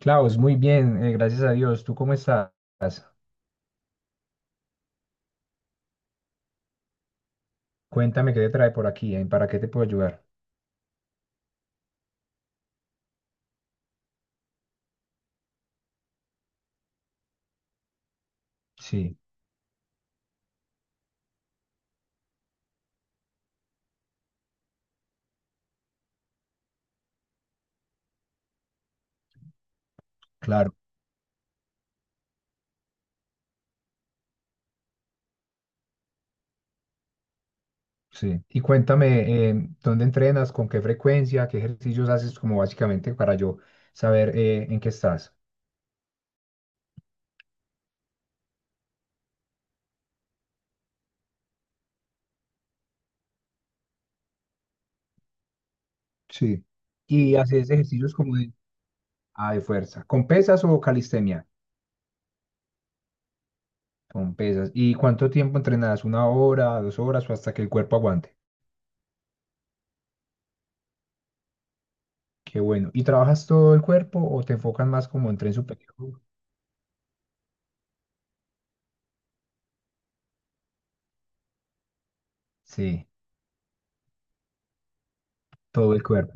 Klaus, muy bien, gracias a Dios. ¿Tú cómo estás? Cuéntame qué te trae por aquí. ¿Para qué te puedo ayudar? Sí, claro, sí. Y cuéntame, ¿dónde entrenas? ¿Con qué frecuencia? ¿Qué ejercicios haces? Como básicamente para yo saber en qué estás. Sí. Y haces ejercicios como de fuerza. ¿Con pesas o calistenia? Con pesas. ¿Y cuánto tiempo entrenas? ¿1 hora, 2 horas o hasta que el cuerpo aguante? Qué bueno. ¿Y trabajas todo el cuerpo o te enfocas más como en tren superior? Sí, todo el cuerpo.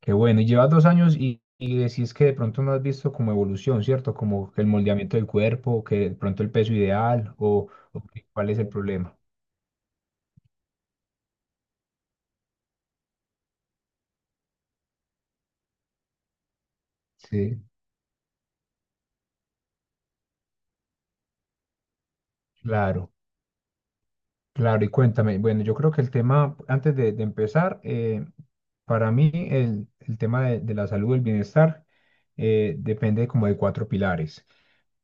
Qué bueno, y llevas 2 años y decís que de pronto no has visto como evolución, ¿cierto? Como que el moldeamiento del cuerpo, que de pronto el peso ideal o cuál es el problema. Sí. Claro, claro, y cuéntame, bueno, yo creo que el tema, antes de empezar, para mí el tema de la salud, el bienestar, depende como de cuatro pilares.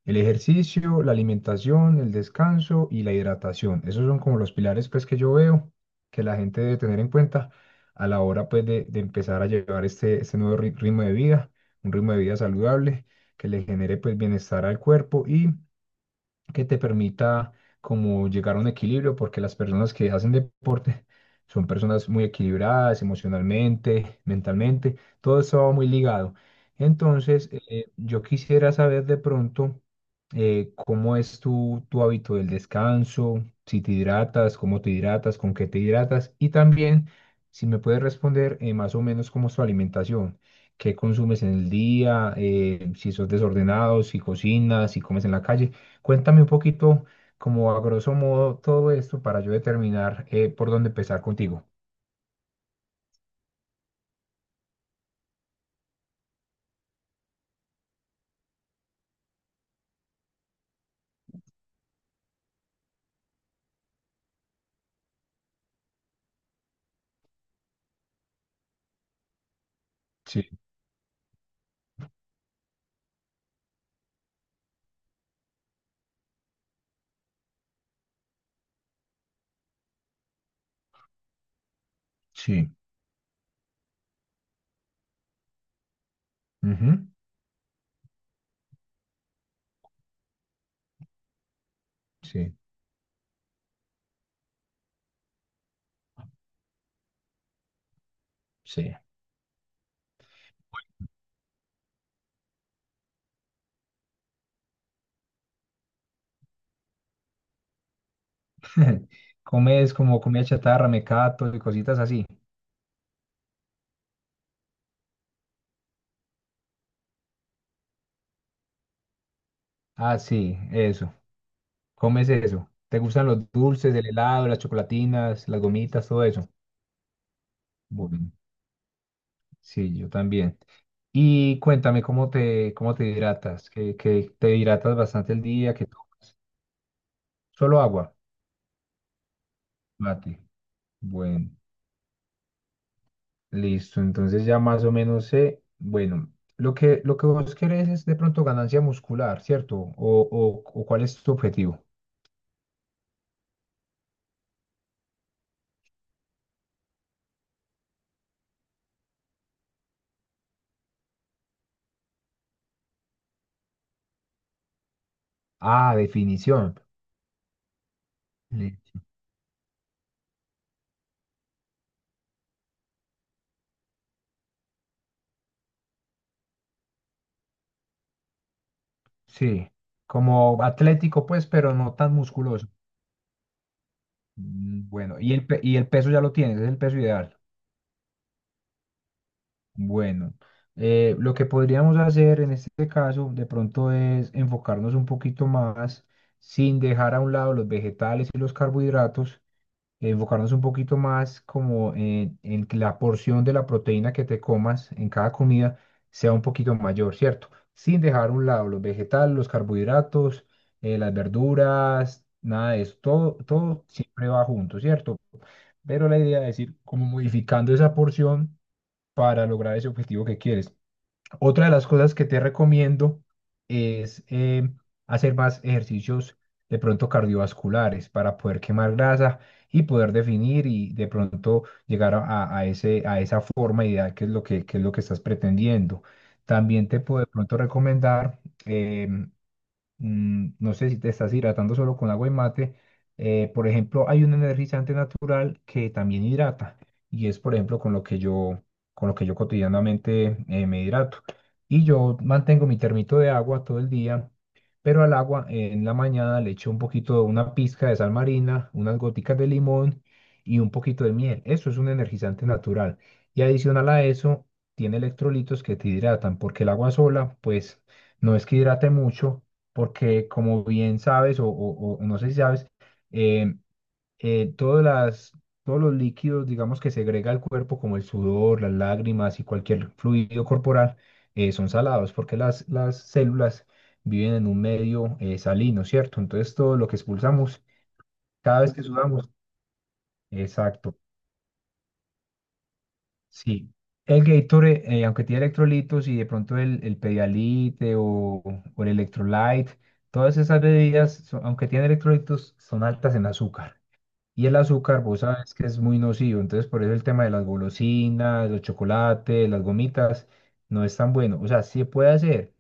El ejercicio, la alimentación, el descanso y la hidratación. Esos son como los pilares pues que yo veo que la gente debe tener en cuenta a la hora pues de empezar a llevar este nuevo ritmo de vida, un ritmo de vida saludable que le genere pues bienestar al cuerpo y que te permita como llegar a un equilibrio, porque las personas que hacen deporte son personas muy equilibradas emocionalmente, mentalmente, todo eso va muy ligado. Entonces, yo quisiera saber de pronto cómo es tu hábito del descanso, si te hidratas, cómo te hidratas, con qué te hidratas y también si me puedes responder más o menos cómo es tu alimentación. ¿Qué consumes en el día? Si sos desordenado, si cocinas, si comes en la calle. Cuéntame un poquito, como a grosso modo, todo esto para yo determinar por dónde empezar contigo. Sí, sí, ujú, sí, sí. Comes como comida chatarra, mecatos y cositas así. Ah, sí, eso. Comes eso. ¿Te gustan los dulces, el helado, las chocolatinas, las gomitas, todo eso? Bueno, sí, yo también. Y cuéntame cómo te hidratas, que te hidratas bastante el día, que tomas. Solo agua, mate. Bueno. Listo, entonces ya más o menos sé, bueno, lo que vos querés es de pronto ganancia muscular, ¿cierto? O ¿cuál es tu objetivo? Ah, definición. Listo. Sí, como atlético pues, pero no tan musculoso. Bueno, y el peso ya lo tienes, es el peso ideal. Bueno, lo que podríamos hacer en este caso de pronto es enfocarnos un poquito más sin dejar a un lado los vegetales y los carbohidratos enfocarnos un poquito más como en que la porción de la proteína que te comas en cada comida sea un poquito mayor, ¿cierto? Sin dejar a un lado los vegetales, los carbohidratos, las verduras, nada de eso, todo siempre va junto, ¿cierto? Pero la idea es ir como modificando esa porción para lograr ese objetivo que quieres. Otra de las cosas que te recomiendo es hacer más ejercicios de pronto cardiovasculares para poder quemar grasa y poder definir y de pronto llegar a esa forma ideal que es lo que estás pretendiendo. También te puedo de pronto recomendar em, no sé si te estás hidratando solo con agua y mate. Por ejemplo, hay un energizante natural que también hidrata y es, por ejemplo, con lo que yo cotidianamente me hidrato. Y yo mantengo mi termito de agua todo el día, pero al agua en la mañana le echo un poquito, una pizca de sal marina, unas goticas de limón y un poquito de miel. Eso es un energizante natural. Y adicional a eso, tiene electrolitos que te hidratan, porque el agua sola, pues, no es que hidrate mucho porque como bien sabes, o no sé si sabes, eh, eh, todas las, todos los líquidos, digamos, que segrega el cuerpo, como el sudor, las lágrimas y cualquier fluido corporal, son salados, porque las células viven en un medio salino, ¿cierto? Entonces todo lo que expulsamos cada vez que sudamos. Exacto. Sí, el Gatorade, aunque tiene electrolitos y de pronto el Pedialyte o el Electrolyte, todas esas bebidas, aunque tienen electrolitos, son altas en azúcar. Y el azúcar, vos sabes que es muy nocivo, entonces por eso el tema de las golosinas, los chocolates, las gomitas, no es tan bueno. O sea, sí puede hacer,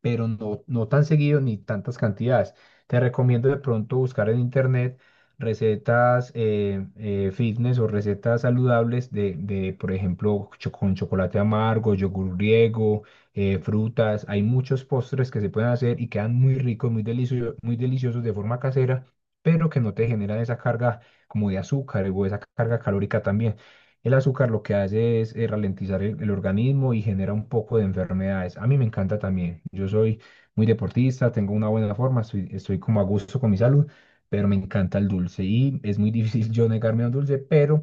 pero no, no tan seguido ni tantas cantidades. Te recomiendo de pronto buscar en internet recetas fitness o recetas saludables por ejemplo, con chocolate amargo, yogur griego, frutas. Hay muchos postres que se pueden hacer y quedan muy ricos, muy deliciosos de forma casera, pero que no te generan esa carga como de azúcar o esa carga calórica también. El azúcar lo que hace es ralentizar el organismo y genera un poco de enfermedades. A mí me encanta también. Yo soy muy deportista, tengo una buena forma, estoy como a gusto con mi salud, pero me encanta el dulce y es muy difícil yo negarme a un dulce, pero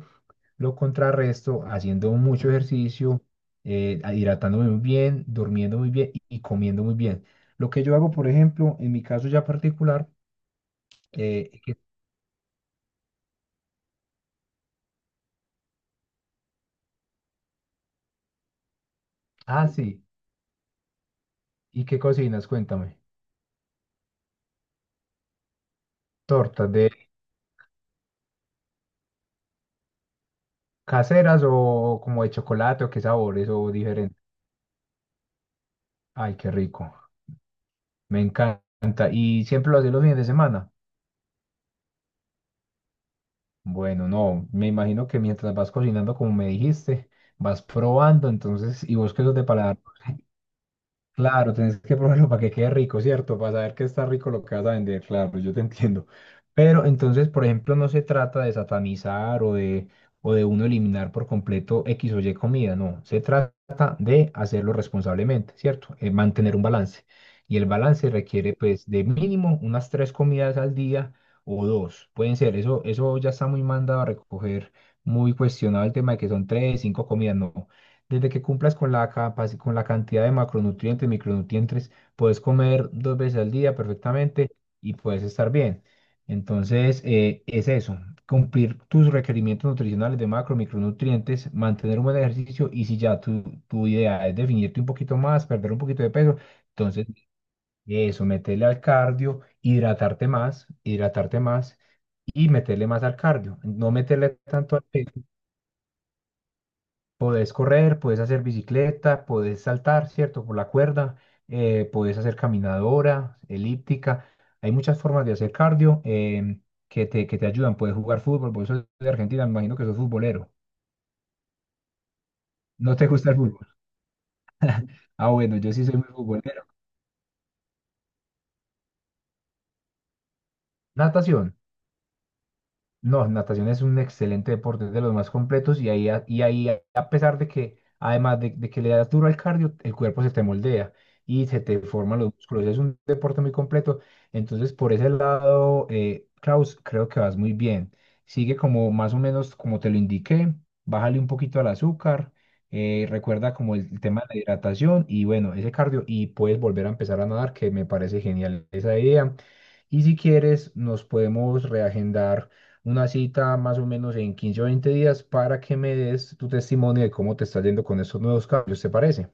lo contrarresto haciendo mucho ejercicio, hidratándome muy bien, durmiendo muy bien y comiendo muy bien. Lo que yo hago, por ejemplo, en mi caso ya particular. eh, que- ah, sí, ¿y qué cocinas? Cuéntame. Tortas de, ¿caseras o como de chocolate o qué sabores o diferentes? Ay, qué rico. Me encanta. ¿Y siempre lo haces los fines de semana? Bueno, no, me imagino que mientras vas cocinando, como me dijiste, vas probando, entonces, y vos que sos de paladar. Claro, tenés que probarlo para que quede rico, ¿cierto? Para saber que está rico lo que vas a vender, claro, yo te entiendo. Pero entonces, por ejemplo, no se trata de satanizar o de uno eliminar por completo X o Y comida, no. Se trata de hacerlo responsablemente, ¿cierto? Mantener un balance. Y el balance requiere, pues, de mínimo unas tres comidas al día o dos. Pueden ser, eso ya está muy mandado a recoger, muy cuestionado el tema de que son tres, cinco comidas, no. Desde que cumplas con la con la cantidad de macronutrientes, micronutrientes, puedes comer 2 veces al día perfectamente y puedes estar bien. Entonces, es eso, cumplir tus requerimientos nutricionales de macro, micronutrientes, mantener un buen ejercicio y si ya tu idea es definirte un poquito más, perder un poquito de peso, entonces eso, meterle al cardio, hidratarte más y meterle más al cardio, no meterle tanto al peso. Podés correr, podés hacer bicicleta, podés saltar, ¿cierto? Por la cuerda, podés hacer caminadora, elíptica. Hay muchas formas de hacer cardio que te ayudan. Puedes jugar fútbol, por eso sos de Argentina, me imagino que sos futbolero. ¿No te gusta el fútbol? Ah, bueno, yo sí soy muy futbolero. Natación. No, natación es un excelente deporte, es de los más completos y ahí, a pesar de que, además de que le das duro al cardio, el cuerpo se te moldea y se te forman los músculos. Es un deporte muy completo. Entonces, por ese lado, Klaus, creo que vas muy bien. Sigue como más o menos como te lo indiqué, bájale un poquito al azúcar, recuerda como el tema de la hidratación y bueno, ese cardio y puedes volver a empezar a nadar, que me parece genial esa idea. Y si quieres, nos podemos reagendar una cita más o menos en 15 o 20 días para que me des tu testimonio de cómo te está yendo con estos nuevos cambios, ¿te parece?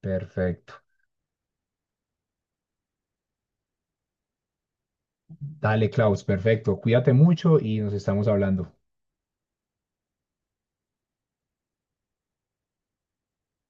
Perfecto. Dale, Klaus, perfecto. Cuídate mucho y nos estamos hablando.